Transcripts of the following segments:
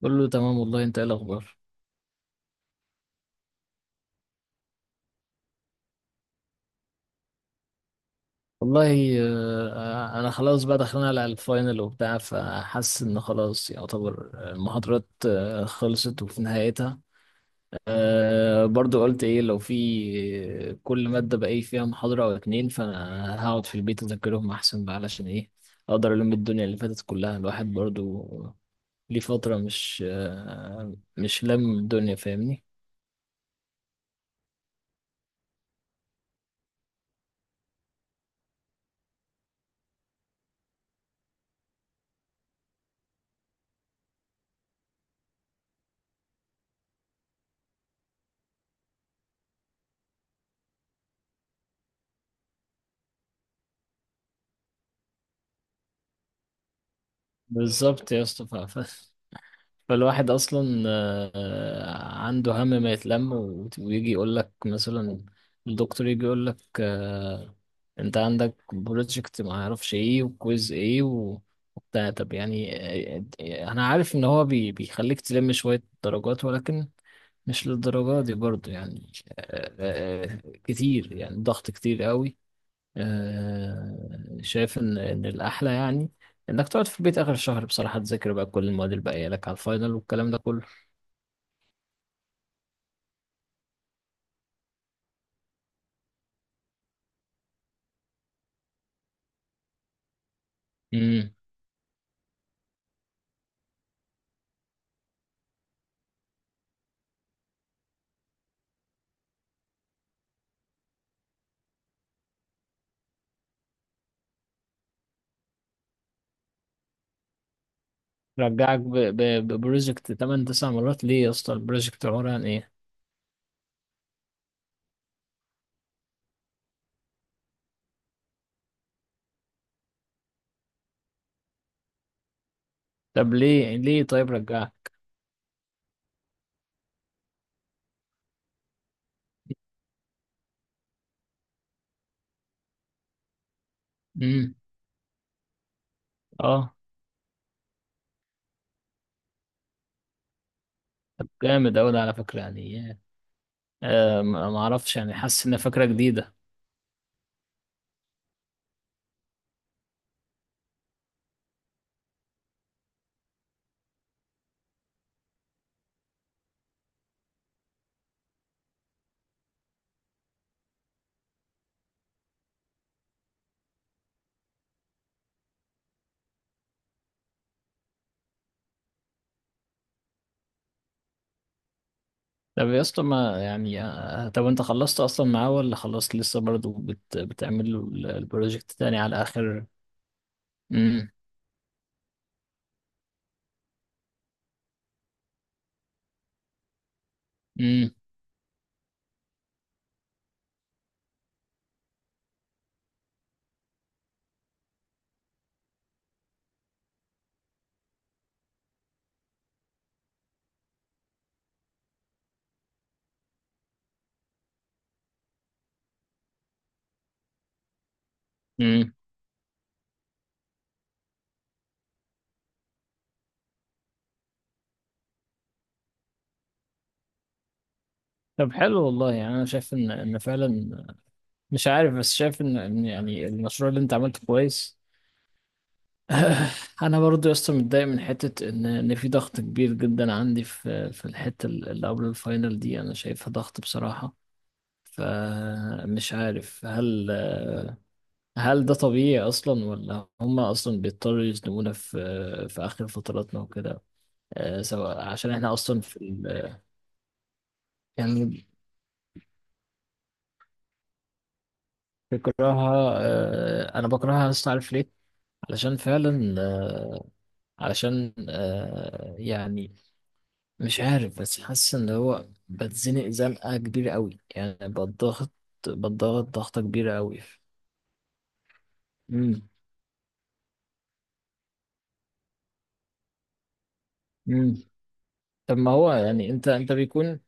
بقول له تمام، والله. انت ايه الاخبار؟ والله، انا خلاص بقى داخلين على الفاينل وبتاع، فحاسس ان خلاص يعتبر المحاضرات خلصت وفي نهايتها. برضو قلت ايه لو في. كل مادة بقى ايه فيها محاضرة او اتنين، فانا هقعد في البيت اذاكرهم احسن بقى علشان ايه؟ اقدر الم الدنيا اللي فاتت كلها، الواحد برضو ليه فترة مش لم الدنيا، فاهمني؟ بالظبط يا اسطى. فالواحد اصلا عنده هم ما يتلم، و- ويجي يقول لك مثلا، الدكتور يجي يقول لك انت عندك بروجكت ما اعرفش ايه، وكويز ايه، و- وبتاع، طب يعني. انا عارف ان هو بي- بيخليك تلم شوية درجات، ولكن مش للدرجة دي برضو يعني. كتير يعني، ضغط كتير قوي. شايف ان الاحلى يعني انك تقعد في البيت اخر الشهر بصراحه، تذاكر بقى كل المواد اللي باقيه لك على الفاينل والكلام ده كله. امم. رجعك ببروجكت 8 9 مرات ليه يا اسطى؟ البروجكت عباره عن ايه؟ طب ليه طيب رجعك؟ امم. اه. طب جامد اوي ده على فكره يعني. ما اعرفش يعني، حاسس ان فكره جديده. طب يا اسطى ما يعني، طب انت خلصت اصلا معاه ولا خلصت لسه، برضه بتعمل له البروجكت تاني على اخر؟ امم. مم. طب حلو والله، يعني انا شايف ان فعلا مش عارف، بس شايف ان يعني المشروع اللي انت عملته كويس. انا برضو يا اسطى متضايق من حته ان في ضغط كبير جدا عندي في الحته اللي قبل الفاينل دي، انا شايفها ضغط بصراحه. فمش عارف هل ده طبيعي اصلا، ولا هما اصلا بيضطروا يزنقونا في اخر فتراتنا وكده، سواء عشان احنا اصلا يعني. بكرهها، انا بكرهها اصلا، عارف ليه؟ علشان فعلا، علشان يعني مش عارف، بس حاسس ان هو بتزنق زنقة كبيرة قوي، يعني بتضغط ضغطة كبيرة قوي. امم. امم. طب ما هو يعني انت بيكون،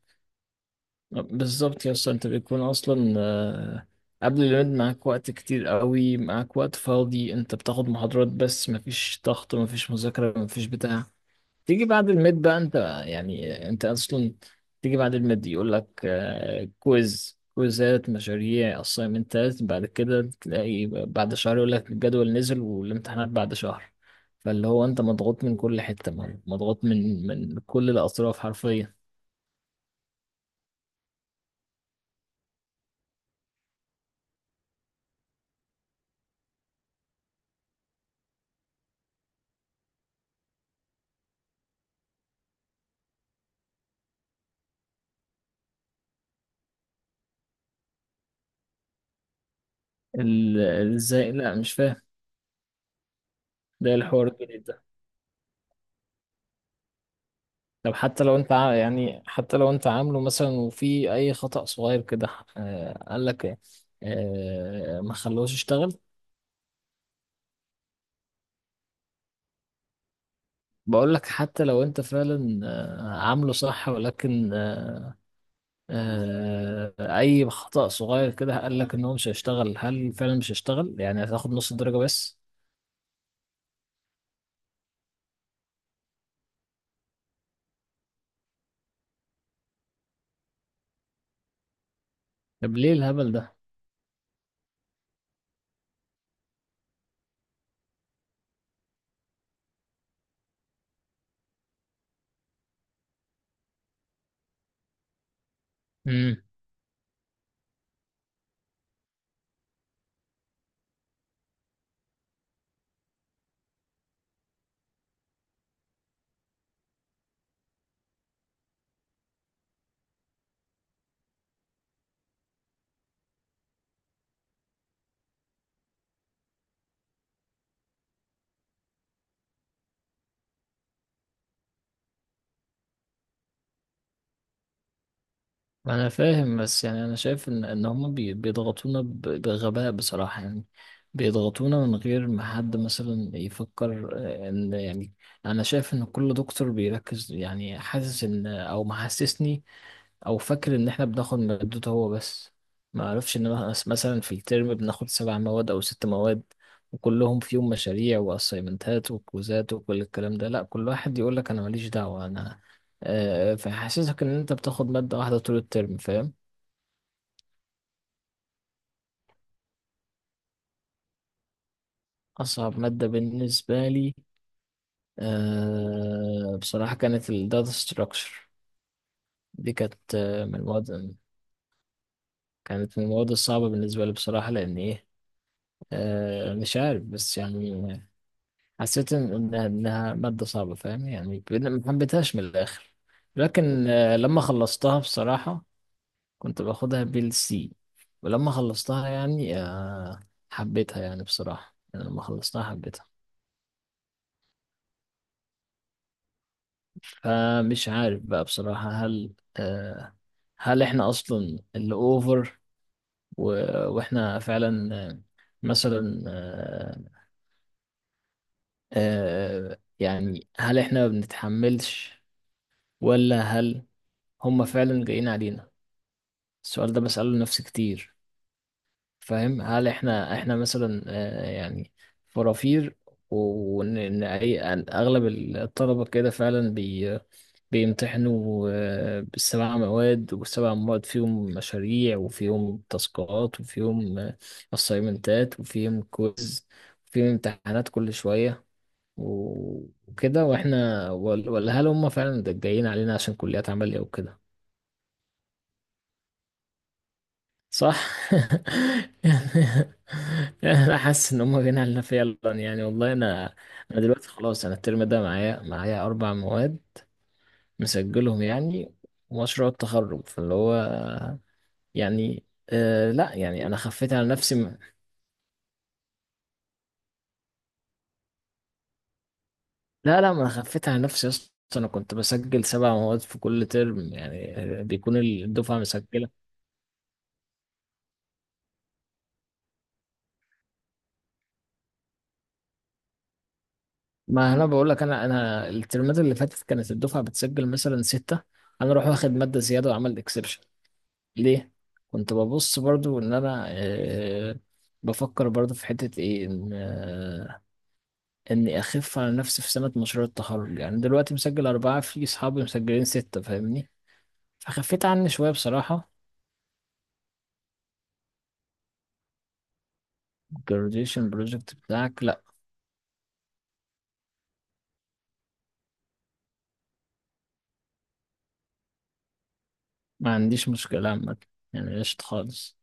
بالظبط يا اسطى، انت بيكون اصلا قبل، الولاد معاك وقت كتير قوي، معاك وقت فاضي، انت بتاخد محاضرات بس، مفيش ضغط، مفيش مذاكرة، مفيش بتاع. تيجي بعد الميد بقى انت، يعني انت اصلا تيجي بعد الميد يقول لك كويز، كويزات، مشاريع، اسايمنتات، بعد كده تلاقي بعد شهر يقول لك الجدول نزل والامتحانات بعد شهر، فاللي هو انت مضغوط من كل حتة، مضغوط من كل الاطراف حرفيا. ازاي؟ لا مش فاهم. ده إيه الحوار الجديد ده؟ طب حتى لو انت عامله مثلا، وفي اي خطأ صغير كده قال لك ما خلوش يشتغل. بقول لك حتى لو انت فعلا عامله صح، ولكن اي خطأ صغير كده قال لك ان هو مش هيشتغل، هل فعلا مش هيشتغل يعني، هتاخد نص الدرجة بس؟ طب ليه الهبل ده؟ امم. انا فاهم، بس يعني انا شايف ان هم بيضغطونا بغباء بصراحة يعني. بيضغطونا من غير ما حد مثلا يفكر ان يعني، انا شايف ان كل دكتور بيركز يعني، حاسس ان، او محسسني، او فاكر ان احنا بناخد مادته هو بس، ما اعرفش ان مثلا في الترم بناخد سبع مواد او ست مواد، وكلهم فيهم مشاريع واسايمنتات وكوزات وكل الكلام ده. لا، كل واحد يقول لك انا ماليش دعوة انا، فحاسسك ان انت بتاخد مادة واحدة طول الترم، فاهم؟ اصعب مادة بالنسبة لي، بصراحة كانت الداتا ستراكشر، دي كانت من المواد، كانت من المواد الصعبة بالنسبة لي بصراحة، لأن إيه؟ مش عارف بس يعني، حسيت إن- انها إنها مادة صعبة، فاهم يعني، ما حبيتهاش من الاخر. لكن لما خلصتها بصراحة، كنت باخدها بالسي، ولما خلصتها يعني حبيتها، يعني بصراحة يعني لما خلصتها حبيتها. فمش عارف بقى بصراحة، هل هل احنا اصلا اللي اوفر، و- واحنا فعلا مثلا يعني هل احنا ما بنتحملش، ولا هل هم فعلا جايين علينا؟ السؤال ده بسأله لنفسي كتير. فاهم، هل احنا مثلا يعني فرافير، وان إن اي أن اغلب الطلبه كده فعلا بيمتحنوا بالسبع مواد، والسبع مواد فيهم مشاريع، وفيهم تاسكات، وفيهم اسايمنتات، وفيهم كويز، وفيهم امتحانات كل شويه، و- وكده، واحنا ولا هل هم فعلا جايين علينا عشان كليات عمليه وكده؟ صح. يعني انا حاسس ان هم جايين علينا فعلا، يعني والله، انا دلوقتي خلاص، انا الترم ده معايا اربع مواد مسجلهم يعني، ومشروع التخرج، فاللي هو يعني. لا يعني انا خفيت على نفسي، ما. لا، لا، ما انا خفيت على نفسي يا اسطى. انا كنت بسجل سبع مواد في كل ترم، يعني بيكون الدفعه مسجله. ما انا بقول لك، انا الترمات اللي فاتت كانت الدفعه بتسجل مثلا سته، انا اروح واخد ماده زياده وعمل اكسبشن. ليه؟ كنت ببص برضو ان انا، بفكر برضو في حتة ايه، ان اني اخف على نفسي في سنة مشروع التخرج، يعني دلوقتي مسجل اربعة، في اصحابي مسجلين ستة، فاهمني؟ فخفيت عني شوية بصراحة. graduation project بتاعك؟ لا. ما عنديش مشكلة عامة، يعني قشطة خالص.